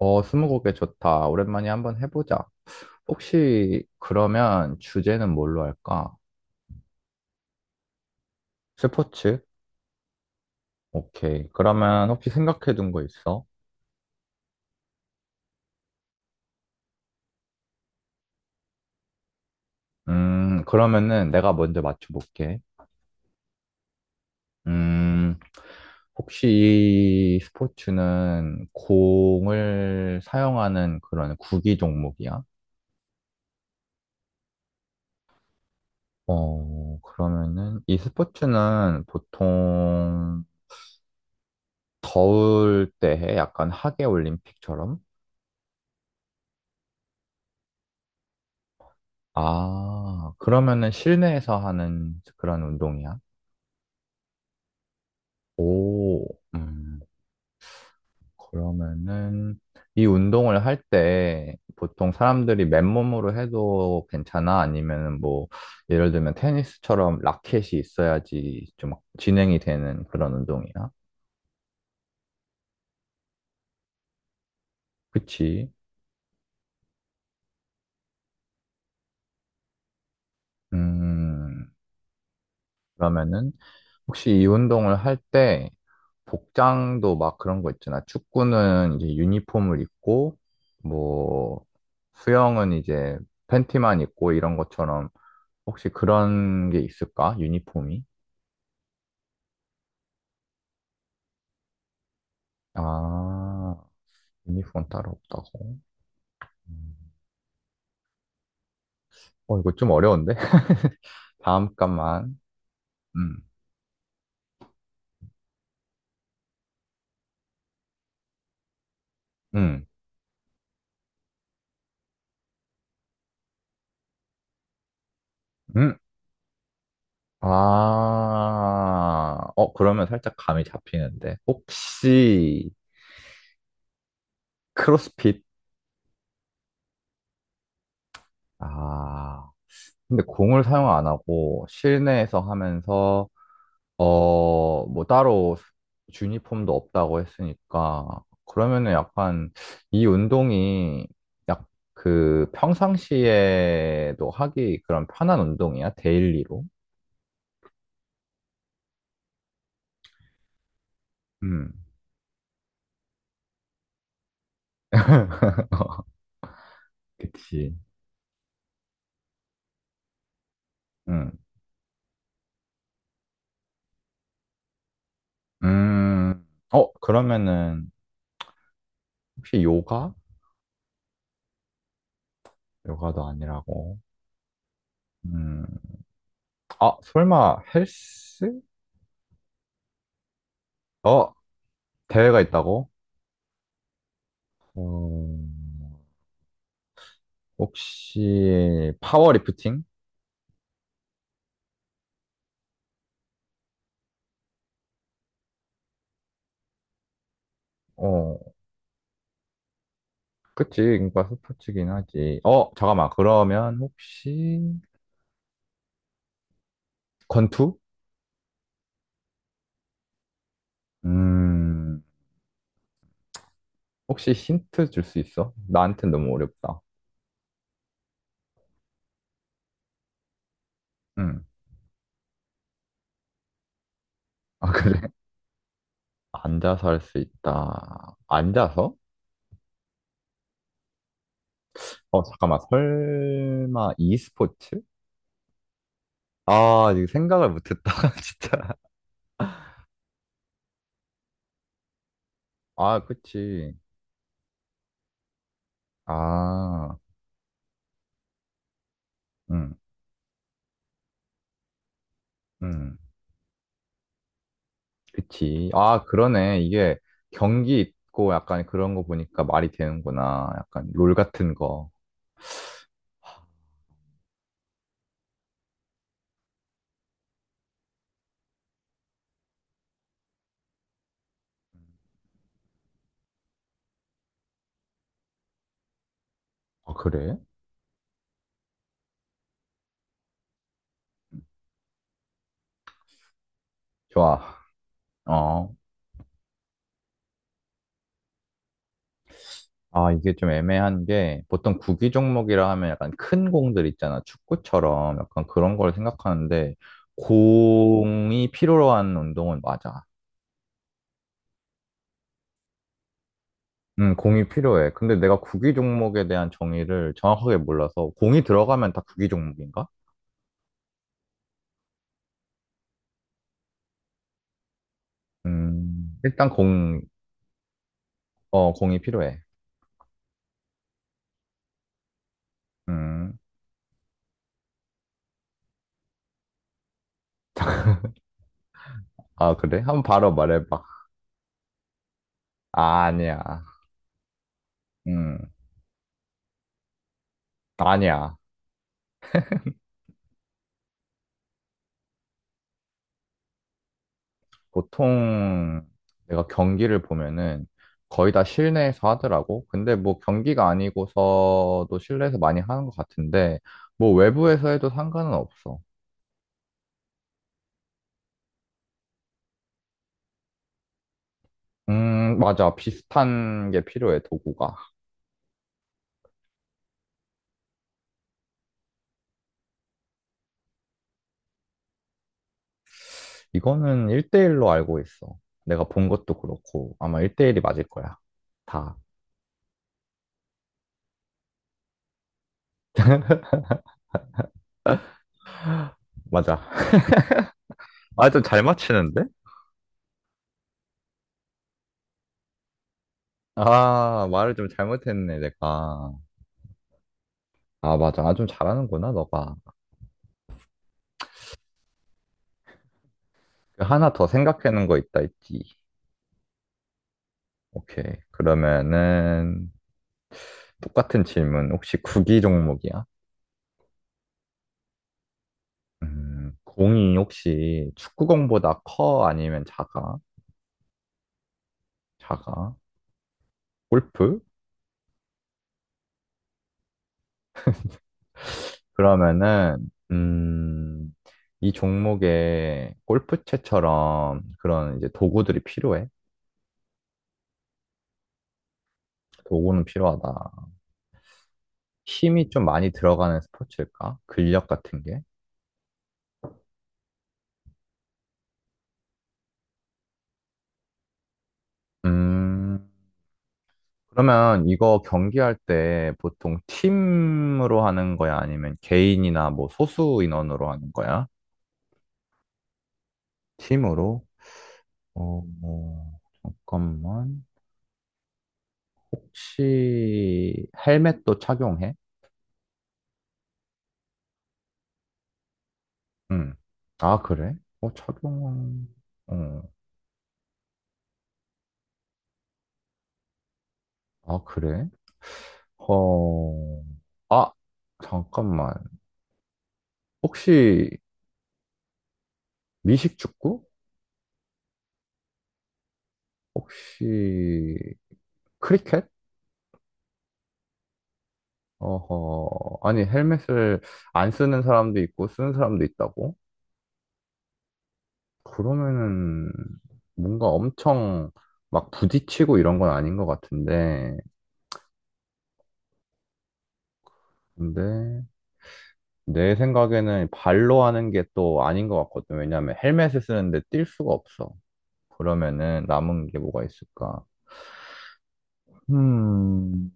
어, 스무고개 좋다. 오랜만에 한번 해보자. 혹시 그러면 주제는 뭘로 할까? 스포츠? 오케이. 그러면 혹시 생각해둔 거 있어? 그러면은 내가 먼저 맞춰볼게. 음, 혹시 이 스포츠는 공을 사용하는 그런 구기 종목이야? 어, 그러면은 이 스포츠는 보통 더울 때 해? 약간 하계 올림픽처럼? 아, 그러면은 실내에서 하는 그런 운동이야? 오, 음, 그러면은 이 운동을 할 때 보통 사람들이 맨몸으로 해도 괜찮아? 아니면은 뭐 예를 들면 테니스처럼 라켓이 있어야지 좀 진행이 되는 그런 운동이야? 그치? 음, 그러면은 혹시 이 운동을 할 때 복장도 막 그런 거 있잖아. 축구는 이제 유니폼을 입고 뭐 수영은 이제 팬티만 입고 이런 것처럼 혹시 그런 게 있을까? 유니폼이? 아, 유니폼 따로 없다고? 음. 어, 이거 좀 어려운데? 다음 값만. 음, 음, 음. 아, 어, 그러면 살짝 감이 잡히는데. 혹시 크로스핏? 아. 근데 공을 사용 안 하고 실내에서 하면서 어 뭐 따로 유니폼도 없다고 했으니까 그러면은 약간 이 운동이 약 그 평상시에도 하기 그런 편한 운동이야 데일리로 음 그치 음 음 어 그러면은 혹시 요가. 요가도 아니라고? 음. 아, 설마 헬스? 어, 대회가 있다고? 어, 혹시 파워리프팅? 어, 그치. 인과 스포츠긴 하지. 어, 잠깐만. 그러면 혹시 권투? 음, 혹시 힌트 줄 수 있어? 나한텐 너무 어렵다. 응. 아, 그래? 앉아서 할 수 있다. 앉아서? 어, 잠깐만. 설마 e스포츠? 아, 이거 생각을 못했다. 진짜. 아, 그치. 아, 응, 응. 그치. 아, 그러네. 이게 경기 있고 약간 그런 거 보니까 말이 되는구나. 약간 롤 같은 거. 아, 그래? 좋아. 어. 아, 이게 좀 애매한 게 보통 구기 종목이라 하면 약간 큰 공들 있잖아. 축구처럼 약간 그런 걸 생각하는데 공이 필요한 운동은 맞아. 공이 필요해. 근데 내가 구기 종목에 대한 정의를 정확하게 몰라서 공이 들어가면 다 구기 종목인가? 일단 공, 어, 공이 필요해. 음. 아, 그래? 한번 바로 말해봐. 아, 아니야. 음, 아니야. 보통 내가 경기를 보면은 거의 다 실내에서 하더라고. 근데 뭐 경기가 아니고서도 실내에서 많이 하는 것 같은데, 뭐 외부에서 해도 상관은 없어. 맞아. 비슷한 게 필요해, 도구가. 이거는 1대1로 알고 있어. 내가 본 것도 그렇고, 아마 1대1이 맞을 거야. 다. 맞아. 아, 좀 잘 맞히는데? 아, 말을 좀 잘못했네, 내가. 아, 맞아. 아, 좀 잘하는구나, 너가. 하나 더 생각해놓은 거 있다 했지. 오케이. 그러면은, 똑같은 질문. 혹시 구기 종목이야? 공이 혹시 축구공보다 커? 아니면 작아? 작아? 골프? 그러면은, 이 종목에 골프채처럼 그런 이제 도구들이 필요해? 도구는 필요하다. 힘이 좀 많이 들어가는 스포츠일까? 근력 같은 게? 음, 그러면 이거 경기할 때 보통 팀으로 하는 거야? 아니면 개인이나 뭐 소수 인원으로 하는 거야? 팀으로? 어, 어, 잠깐만. 혹시 헬멧도 착용해? 응. 아, 그래? 어, 착용 어, 아, 그래? 어, 아, 잠깐만. 혹시 미식축구? 혹시 크리켓? 어허, 아니, 헬멧을 안 쓰는 사람도 있고, 쓰는 사람도 있다고? 그러면은, 뭔가 엄청 막 부딪히고 이런 건 아닌 것 같은데, 근데, 내 생각에는 발로 하는 게 또 아닌 것 같거든. 왜냐면 헬멧을 쓰는데 뛸 수가 없어. 그러면은 남은 게 뭐가 있을까? 음,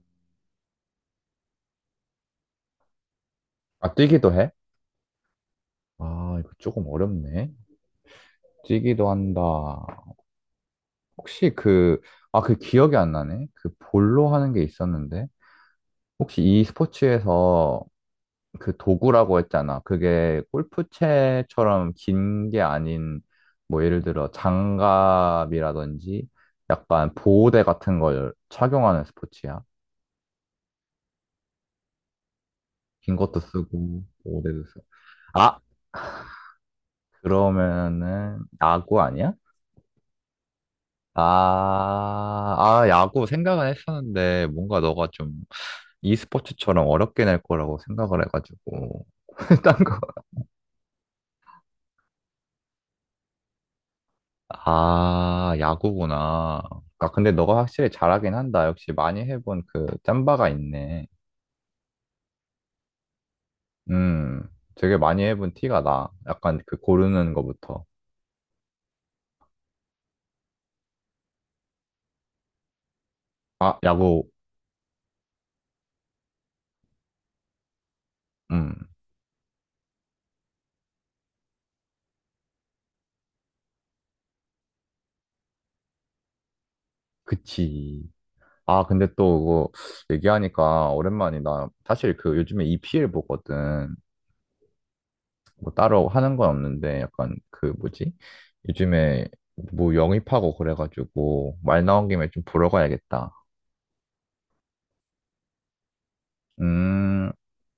아, 뛰기도 해? 아, 이거 조금 어렵네. 뛰기도 한다. 혹시 그, 아, 그 기억이 안 나네? 그 볼로 하는 게 있었는데? 혹시 이 스포츠에서 그 도구라고 했잖아. 그게 골프채처럼 긴 게 아닌, 뭐 예를 들어 장갑이라든지 약간 보호대 같은 걸 착용하는 스포츠야. 긴 것도 쓰고, 보호대도 쓰고. 아, 그러면은 야구 아니야? 아, 아, 야구 생각은 했었는데 뭔가 너가 좀 e스포츠처럼 어렵게 낼 거라고 생각을 해가지고. 딴 거. 아, 야구구나. 아, 근데 너가 확실히 잘하긴 한다. 역시 많이 해본 그 짬바가 있네. 음, 되게 많이 해본 티가 나. 약간 그 고르는 거부터. 아, 야구, 음, 그치. 아, 근데 또 그거 얘기하니까 오랜만이다. 사실 그 요즘에 EPL 보거든. 뭐 따로 하는 건 없는데 약간 그 뭐지? 요즘에 뭐 영입하고 그래가지고 말 나온 김에 좀 보러 가야겠다. 음.